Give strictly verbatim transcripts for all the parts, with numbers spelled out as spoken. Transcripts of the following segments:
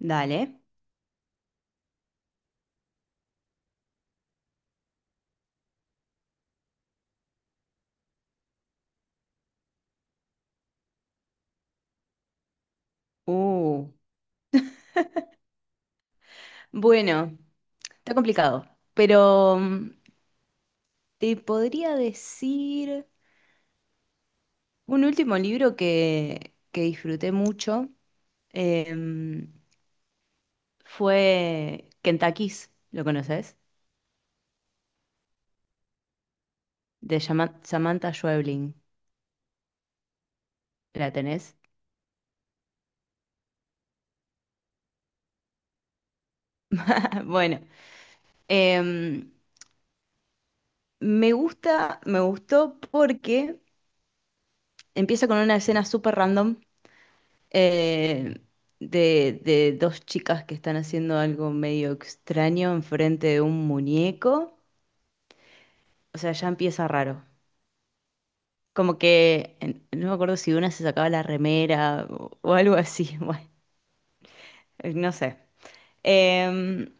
Dale. Uh, bueno, está complicado, pero mm, te podría decir un último libro que, que disfruté mucho em, fue Kentucky's, ¿lo conoces? De Yama- Samantha Schweblin, ¿la tenés? Bueno, em, me gusta, me gustó porque empieza con una escena súper random eh, de, de dos chicas que están haciendo algo medio extraño enfrente de un muñeco. O sea, ya empieza raro. Como que en- no me acuerdo si una se sacaba la remera o, o algo así. Bueno, no sé. Em,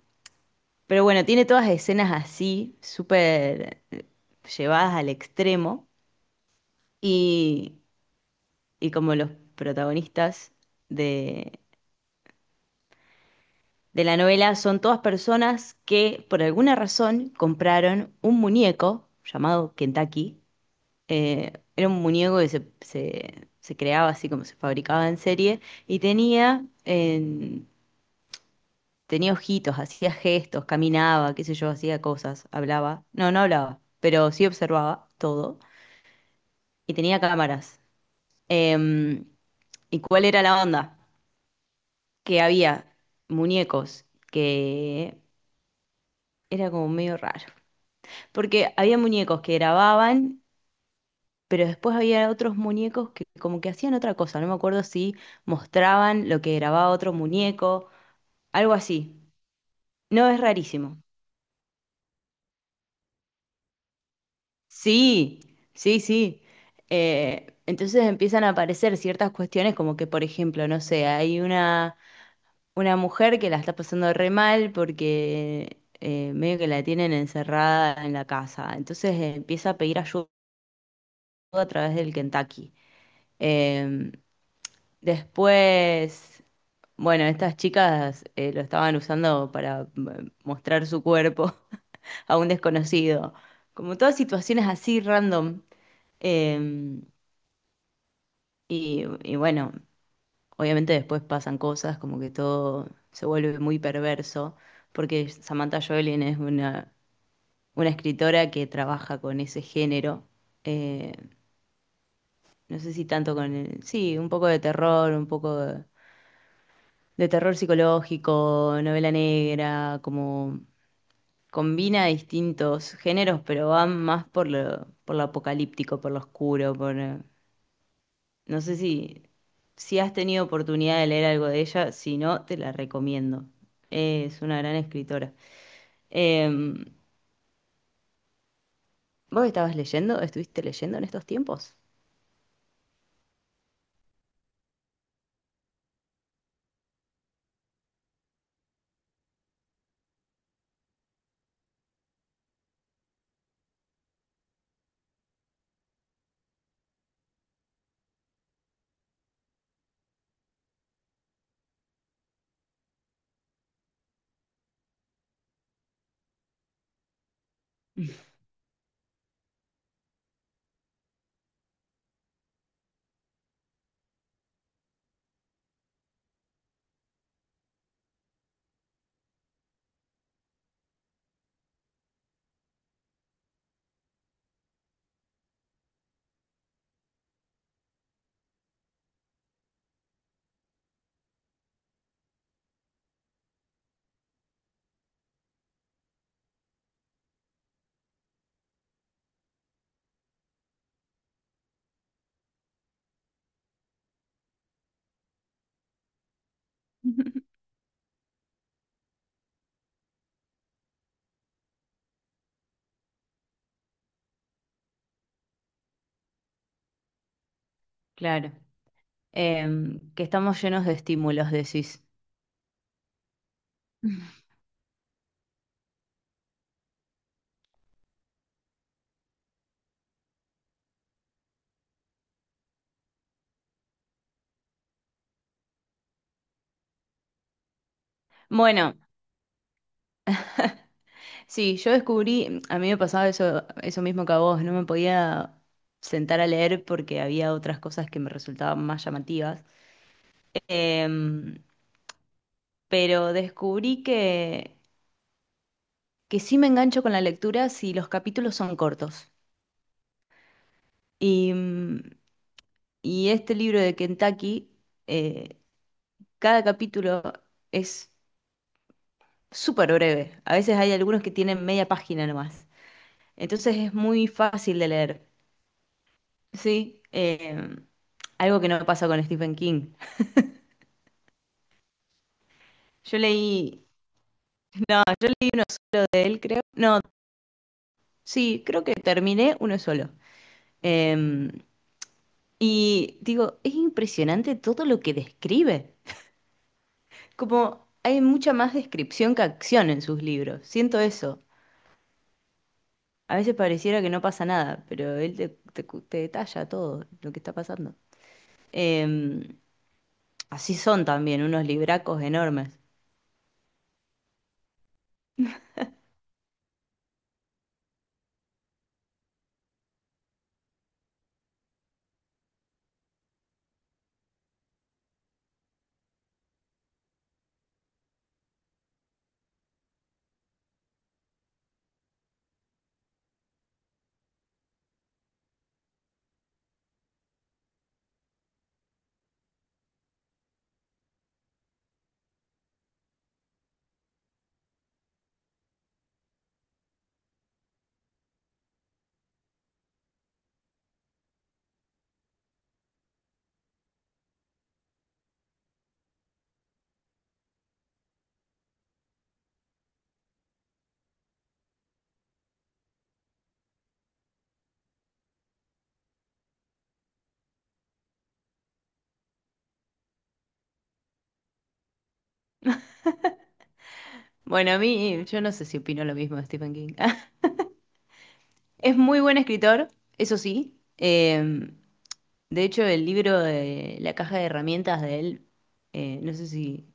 pero bueno, tiene todas escenas así, súper eh, llevadas al extremo. Y, y como los protagonistas de la novela son todas personas que por alguna razón compraron un muñeco llamado Kentucky. Eh, era un muñeco que se, se- se creaba así como se fabricaba en serie y tenía, en- tenía ojitos, hacía gestos, caminaba, qué sé yo, hacía cosas, hablaba. No, no hablaba, pero sí observaba todo y tenía cámaras. Em, ¿Y cuál era la onda? Que había muñecos que era como medio raro. Porque había muñecos que grababan, pero después había otros muñecos que como que hacían otra cosa. No me acuerdo si mostraban lo que grababa otro muñeco, algo así. No, es rarísimo. Sí, sí, sí. Eh, entonces empiezan a aparecer ciertas cuestiones como que, por ejemplo, no sé, hay una, una mujer que la está pasando re mal porque eh, medio que la tienen encerrada en la casa. Entonces eh, empieza a pedir ayuda a través del Kentucky. Em, Después, bueno, estas chicas eh, lo estaban usando para mm, mostrar su cuerpo a un desconocido. Como todas situaciones así random. Eh, y, y bueno, obviamente después pasan cosas, como que todo se vuelve muy perverso, porque Samantha Joelin es una, una escritora que trabaja con ese género. eh, no sé si tanto con el- sí, un poco de terror, un poco de de terror psicológico, novela negra, como combina distintos géneros, pero va más por lo, por lo apocalíptico, por lo oscuro, por... eh, No sé si, si has tenido oportunidad de leer algo de ella, si no, te la recomiendo. Es una gran escritora. Em, ¿Vos estabas leyendo? ¿Estuviste leyendo en estos tiempos? Claro. Em, que estamos llenos de estímulos, decís. Bueno, sí, yo descubrí, a mí me pasaba eso, eso mismo que a vos, no me podía sentar a leer porque había otras cosas que me resultaban más llamativas. Em, pero descubrí que, que sí me engancho con la lectura si los capítulos son cortos. Y, mm, y este libro de Kentucky, eh, cada capítulo es súper breve. A veces hay algunos que tienen media página nomás. Entonces es muy fácil de leer. Sí, eh, algo que no pasa con Stephen King. Yo leí, no, yo leí él, creo. No, sí, creo que terminé uno solo. Eh, y digo, es impresionante todo lo que describe. Como hay mucha más descripción que acción en sus libros. Siento eso. A veces pareciera que no pasa nada, pero él te, te cu- te detalla todo lo que está pasando. Eh, Así son también, unos libracos enormes. Bueno, a mí, yo no sé si opino lo mismo de Stephen King. Es muy buen escritor, eso sí. Eh, de hecho, el libro de La caja de herramientas de él, eh, no sé si,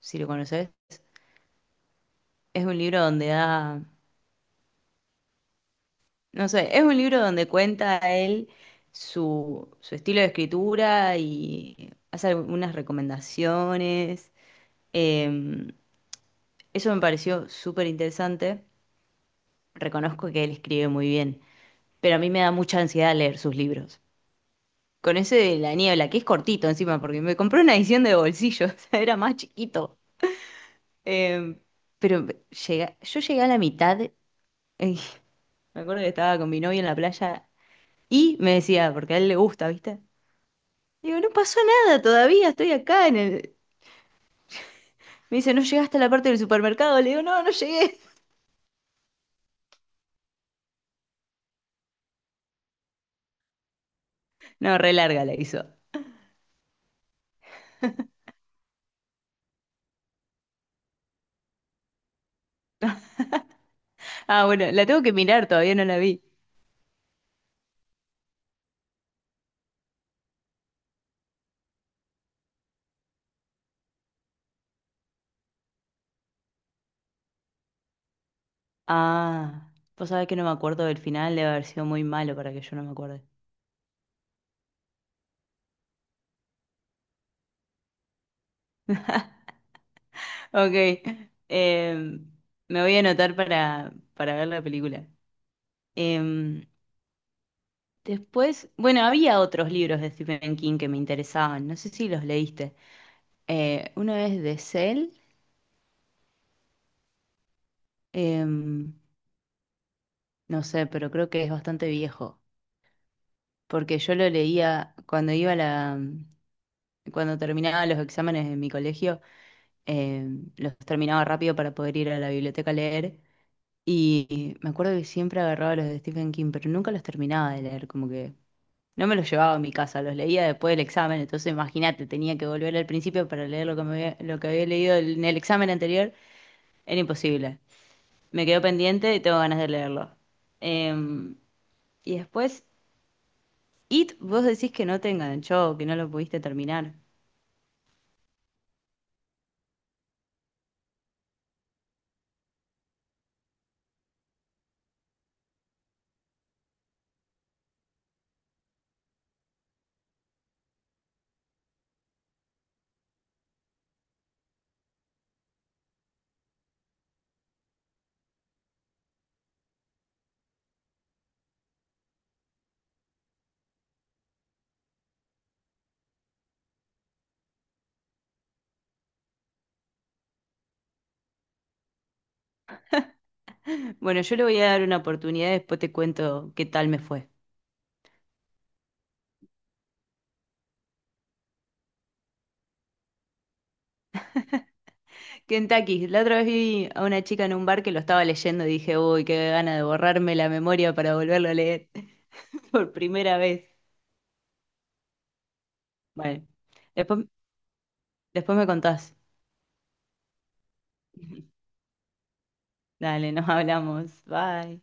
si lo conoces, es un libro donde da, no sé, es un libro donde cuenta él su, su estilo de escritura y hace algunas recomendaciones. Eh, Eso me pareció súper interesante. Reconozco que él escribe muy bien, pero a mí me da mucha ansiedad leer sus libros. Con ese de la niebla, que es cortito encima, porque me compré una edición de bolsillo, o sea, era más chiquito. Eh, pero llega, yo llegué a la mitad, eh, me acuerdo que estaba con mi novio en la playa y me decía, porque a él le gusta, ¿viste? Digo, no pasó nada todavía, estoy acá en el... Me dice, ¿no llegaste a la parte del supermercado? Le digo, no, no llegué. No, re larga la hizo. Ah, bueno, la tengo que mirar, todavía no la vi. Ah, vos sabés que no me acuerdo del final, debe haber sido muy malo para que yo no me acuerde. Ok, em, me voy a anotar para, para ver la película. Em, Después, bueno, había otros libros de Stephen King que me interesaban, no sé si los leíste. Eh, uno es de Cell, em, no sé, pero creo que es bastante viejo, porque yo lo leía cuando iba a la, cuando terminaba los exámenes en mi colegio, em, los terminaba rápido para poder ir a la biblioteca a leer. Y me acuerdo que siempre agarraba los de Stephen King, pero nunca los terminaba de leer, como que no me los llevaba a mi casa, los leía después del examen, entonces imagínate, tenía que volver al principio para leer lo que, me había, lo que había leído en el examen anterior, era imposible. Me quedó pendiente y tengo ganas de leerlo. Em, y después, It, vos decís que no te enganchó, que no lo pudiste terminar. Bueno, yo le voy a dar una oportunidad, después te cuento qué tal me fue. Kentucky, la otra vez vi a una chica en un bar que lo estaba leyendo y dije, uy, qué gana de borrarme la memoria para volverlo a leer por primera vez. Bueno, después... Después me contás. Dale, nos hablamos. Bye.